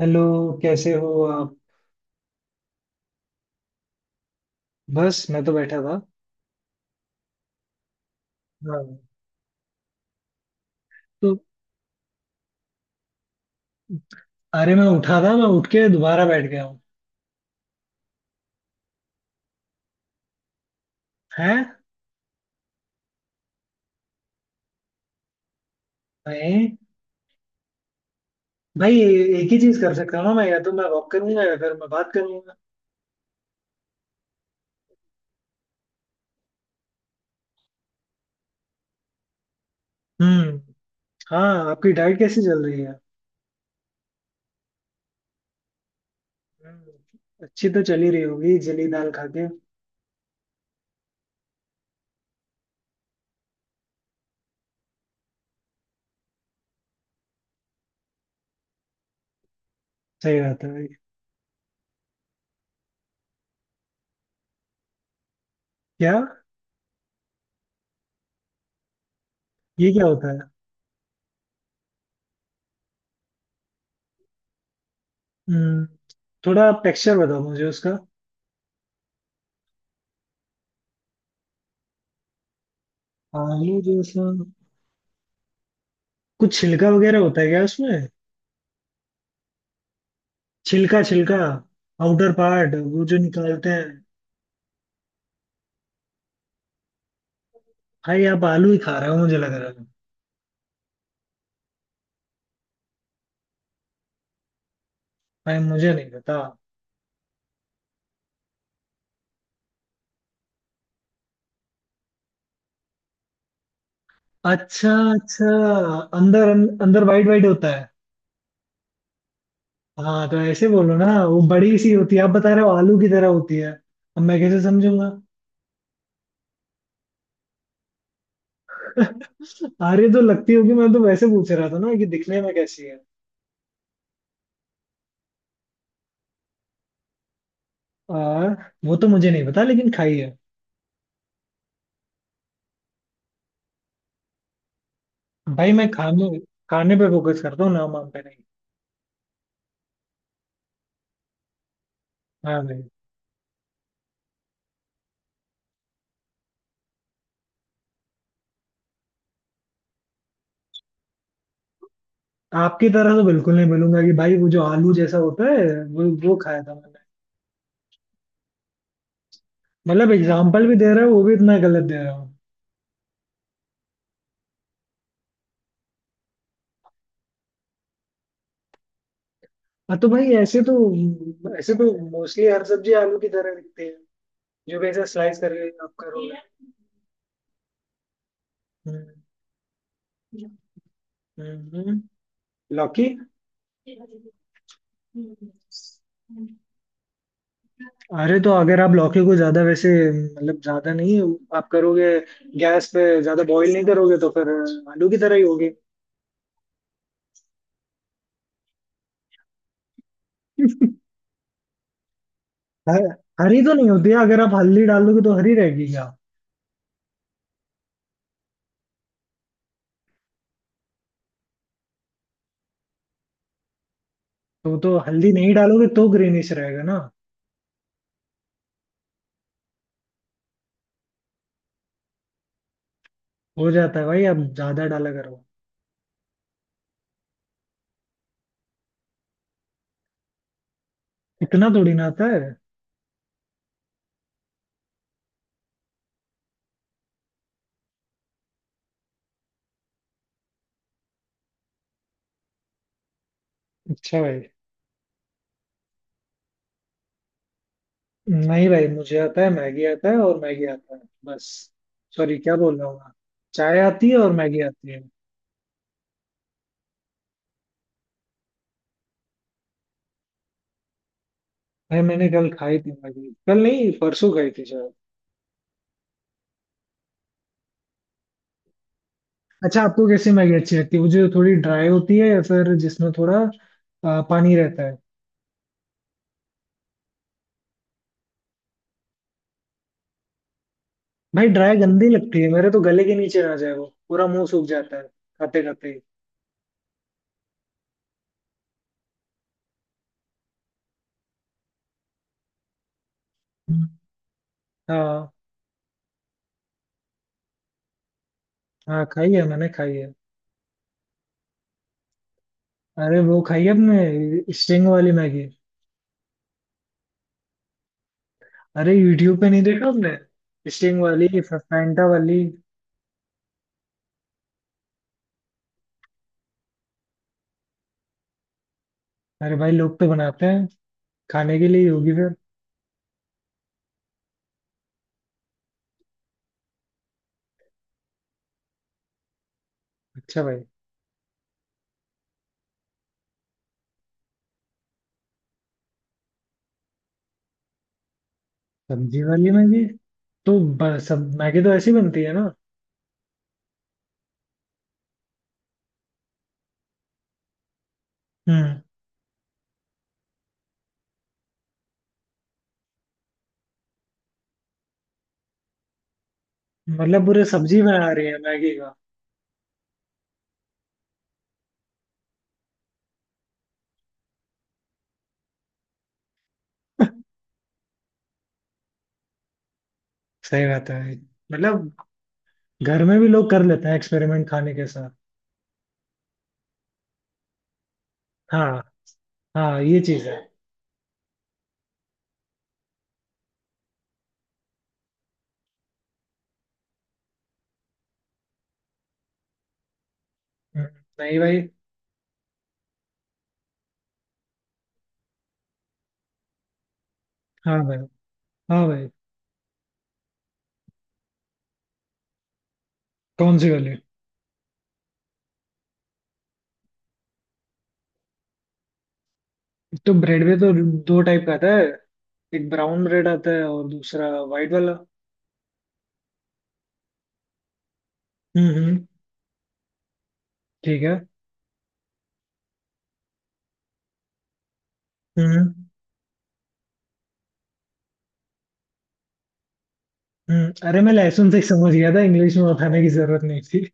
Hello. कैसे हो आप? बस मैं तो बैठा था। हाँ। तो। अरे मैं उठा था, मैं उठ के दोबारा बैठ गया हूँ। हैं? भाई, भाई, एक ही चीज कर सकता हूँ ना मैं, या तो मैं वॉक करूंगा या फिर मैं बात करूंगा। हम्म। हाँ, आपकी डाइट कैसी चल रही है? हम्म, अच्छी तो चली रही होगी जली दाल खा के। सही बात है भाई। क्या? ये क्या होता है? हम्म। थोड़ा टेक्सचर बताओ मुझे उसका। आलू जैसा? कुछ छिलका वगैरह होता है क्या उसमें? छिलका छिलका, आउटर पार्ट वो जो निकालते हैं। भाई आप आलू ही खा रहे हो मुझे लग रहा है। भाई मुझे नहीं पता। अच्छा अच्छा। अंदर अंदर वाइट वाइट होता है। हाँ तो ऐसे बोलो ना, वो बड़ी सी होती है आप बता रहे हो आलू की तरह होती है, अब मैं कैसे समझूंगा? अरे तो लगती होगी, मैं तो वैसे पूछ रहा था ना कि दिखने में कैसी है। आ, वो तो मुझे नहीं पता लेकिन खाई है। भाई, मैं खाने खाने पे फोकस करता हूँ नाम वाम पे नहीं। हाँ, आपकी तरह तो बिल्कुल नहीं मिलूंगा कि भाई वो जो आलू जैसा होता है वो खाया था मैंने। मतलब एग्जाम्पल भी दे रहे हो वो भी इतना गलत दे रहे हो। हाँ तो भाई ऐसे तो मोस्टली हर सब्जी आलू की तरह दिखती है, जो कैसे स्लाइस करके आप करोगे? हम्म, हम्म। लौकी। अरे तो अगर आप लौकी को ज्यादा, वैसे मतलब ज्यादा नहीं, आप करोगे, गैस पे ज्यादा बॉईल नहीं करोगे तो फिर आलू की तरह ही होगी। ह- हरी तो नहीं होती है, अगर आप हल्दी डालोगे तो हरी रहेगी क्या? तो हल्दी नहीं डालोगे तो ग्रीनिश रहेगा ना? हो जाता है भाई, आप ज्यादा डाला करो। इतना थोड़ी ना आता है। अच्छा भाई। नहीं भाई मुझे आता है, मैगी आता है और मैगी आता है बस। सॉरी, क्या बोल रहा हूँ मैं? चाय आती है और मैगी आती है। भाई मैंने कल खाई थी मैगी, कल नहीं परसों खाई थी शायद। अच्छा, आपको कैसी मैगी अच्छी लगती है? वो जो थोड़ी ड्राई होती है या फिर जिसमें थोड़ा पानी रहता है? भाई ड्राई गंदी लगती है, मेरे तो गले के नीचे ना जाए, वो पूरा मुंह सूख जाता है खाते खाते ही। हम्म। हाँ। हाँ, खाई है, मैंने खाई है। अरे वो खाई आपने स्टिंग वाली मैगी? अरे यूट्यूब पे नहीं देखा आपने, स्टिंग वाली फैंटा वाली। अरे भाई लोग तो बनाते हैं, खाने के लिए ही होगी फिर। अच्छा भाई। सब्जी वाली मैगी? तो सब मैगी तो ऐसी बनती है ना? हम्म। मतलब पूरे सब्जी बना रही है मैगी का? सही बात है भाई। मतलब, घर में भी लोग कर लेते हैं एक्सपेरिमेंट खाने के साथ। हाँ। हाँ ये चीज है। हम्म, नहीं भाई। हाँ भाई। हाँ भाई। कौन सी वाली? तो ब्रेड में तो दो टाइप का आता है, एक ब्राउन ब्रेड आता है और दूसरा वाइट वाला। हम्म। ठीक है। हम्म अरे मैं लहसुन से ही समझ गया था, इंग्लिश में बताने की जरूरत नहीं थी।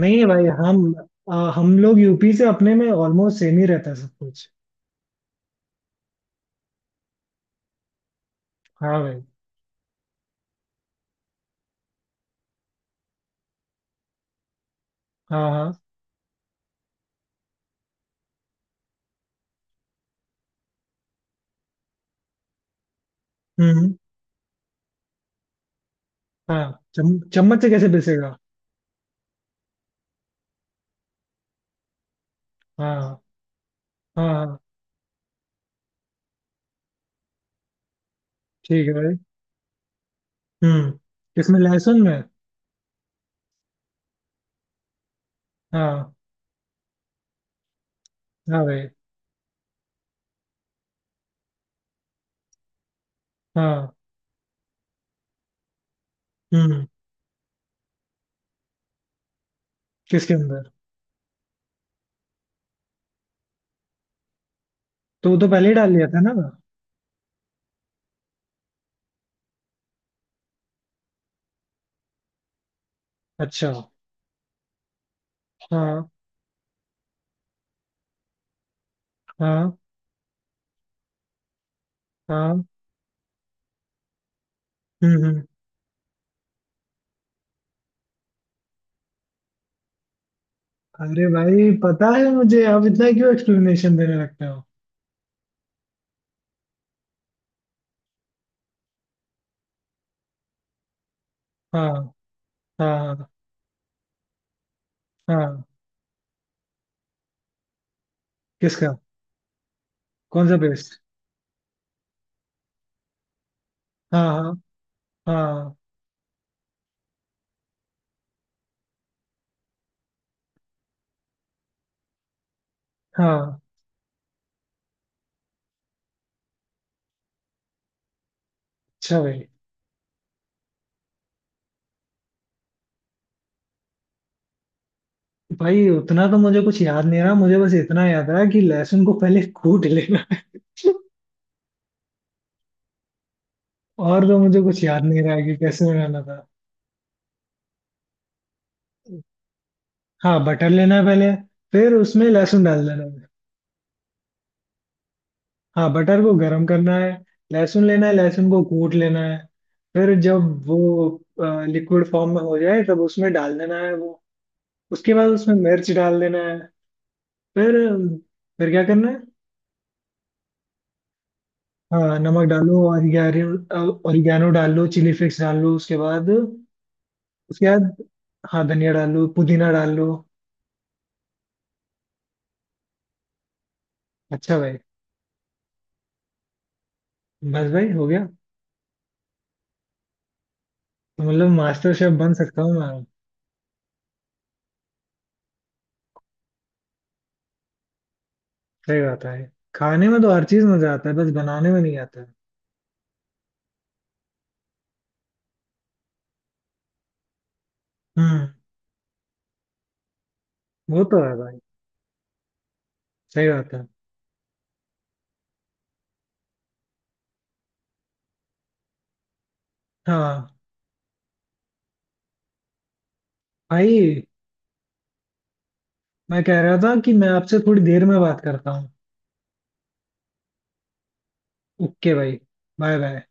नहीं है भाई। हम लोग यूपी से, अपने में ऑलमोस्ट सेम ही रहता है सब कुछ। हाँ भाई। हाँ हाँ। हम्म। हाँ, चम्मच से कैसे पिसेगा? हाँ। हाँ हाँ। ठीक है भाई। हम्म। किसमें? लहसुन में? हाँ। हाँ भाई। हाँ। हम्म। किसके अंदर? तो वो तो पहले ही डाल लिया था ना? अच्छा। हाँ। हाँ। हाँ। हम्म। अरे भाई पता है मुझे, आप इतना क्यों एक्सप्लेनेशन देने लगते हो? हाँ। हाँ। हाँ। किसका? कौन सा बेस्ट? हाँ हाँ। हाँ। हाँ। अच्छा भाई। भाई उतना तो मुझे कुछ याद नहीं रहा, मुझे बस इतना याद रहा कि लहसुन को पहले कूट लेना है। और तो मुझे कुछ याद नहीं रहा कि कैसे बनाना था। हाँ बटर लेना है पहले, फिर उसमें लहसुन डाल देना। हाँ बटर को गरम करना है, लहसुन लेना है, लहसुन को कूट लेना है। फिर जब वो लिक्विड फॉर्म में हो जाए तब उसमें डाल देना है वो। उसके बाद उसमें मिर्च डाल देना है। फिर फिर क्या करना है? हाँ नमक डालो, ऑरिगेनो, ऑरिगेनो डाल लो, चिली फ्लेक्स डाल लो उसके बाद। उसके बाद हाँ धनिया डाल लो, पुदीना डाल लो। अच्छा भाई। बस भाई हो गया। तो मतलब मास्टर शेफ बन सकता हूँ मैं? सही बात है। खाने में तो हर चीज मजा आता है, बस बनाने में नहीं आता है। हम्म। वो तो है भाई। सही बात है। हाँ भाई। मैं कह रहा था कि मैं आपसे थोड़ी देर में बात करता हूँ। ओके भाई। Bye bye.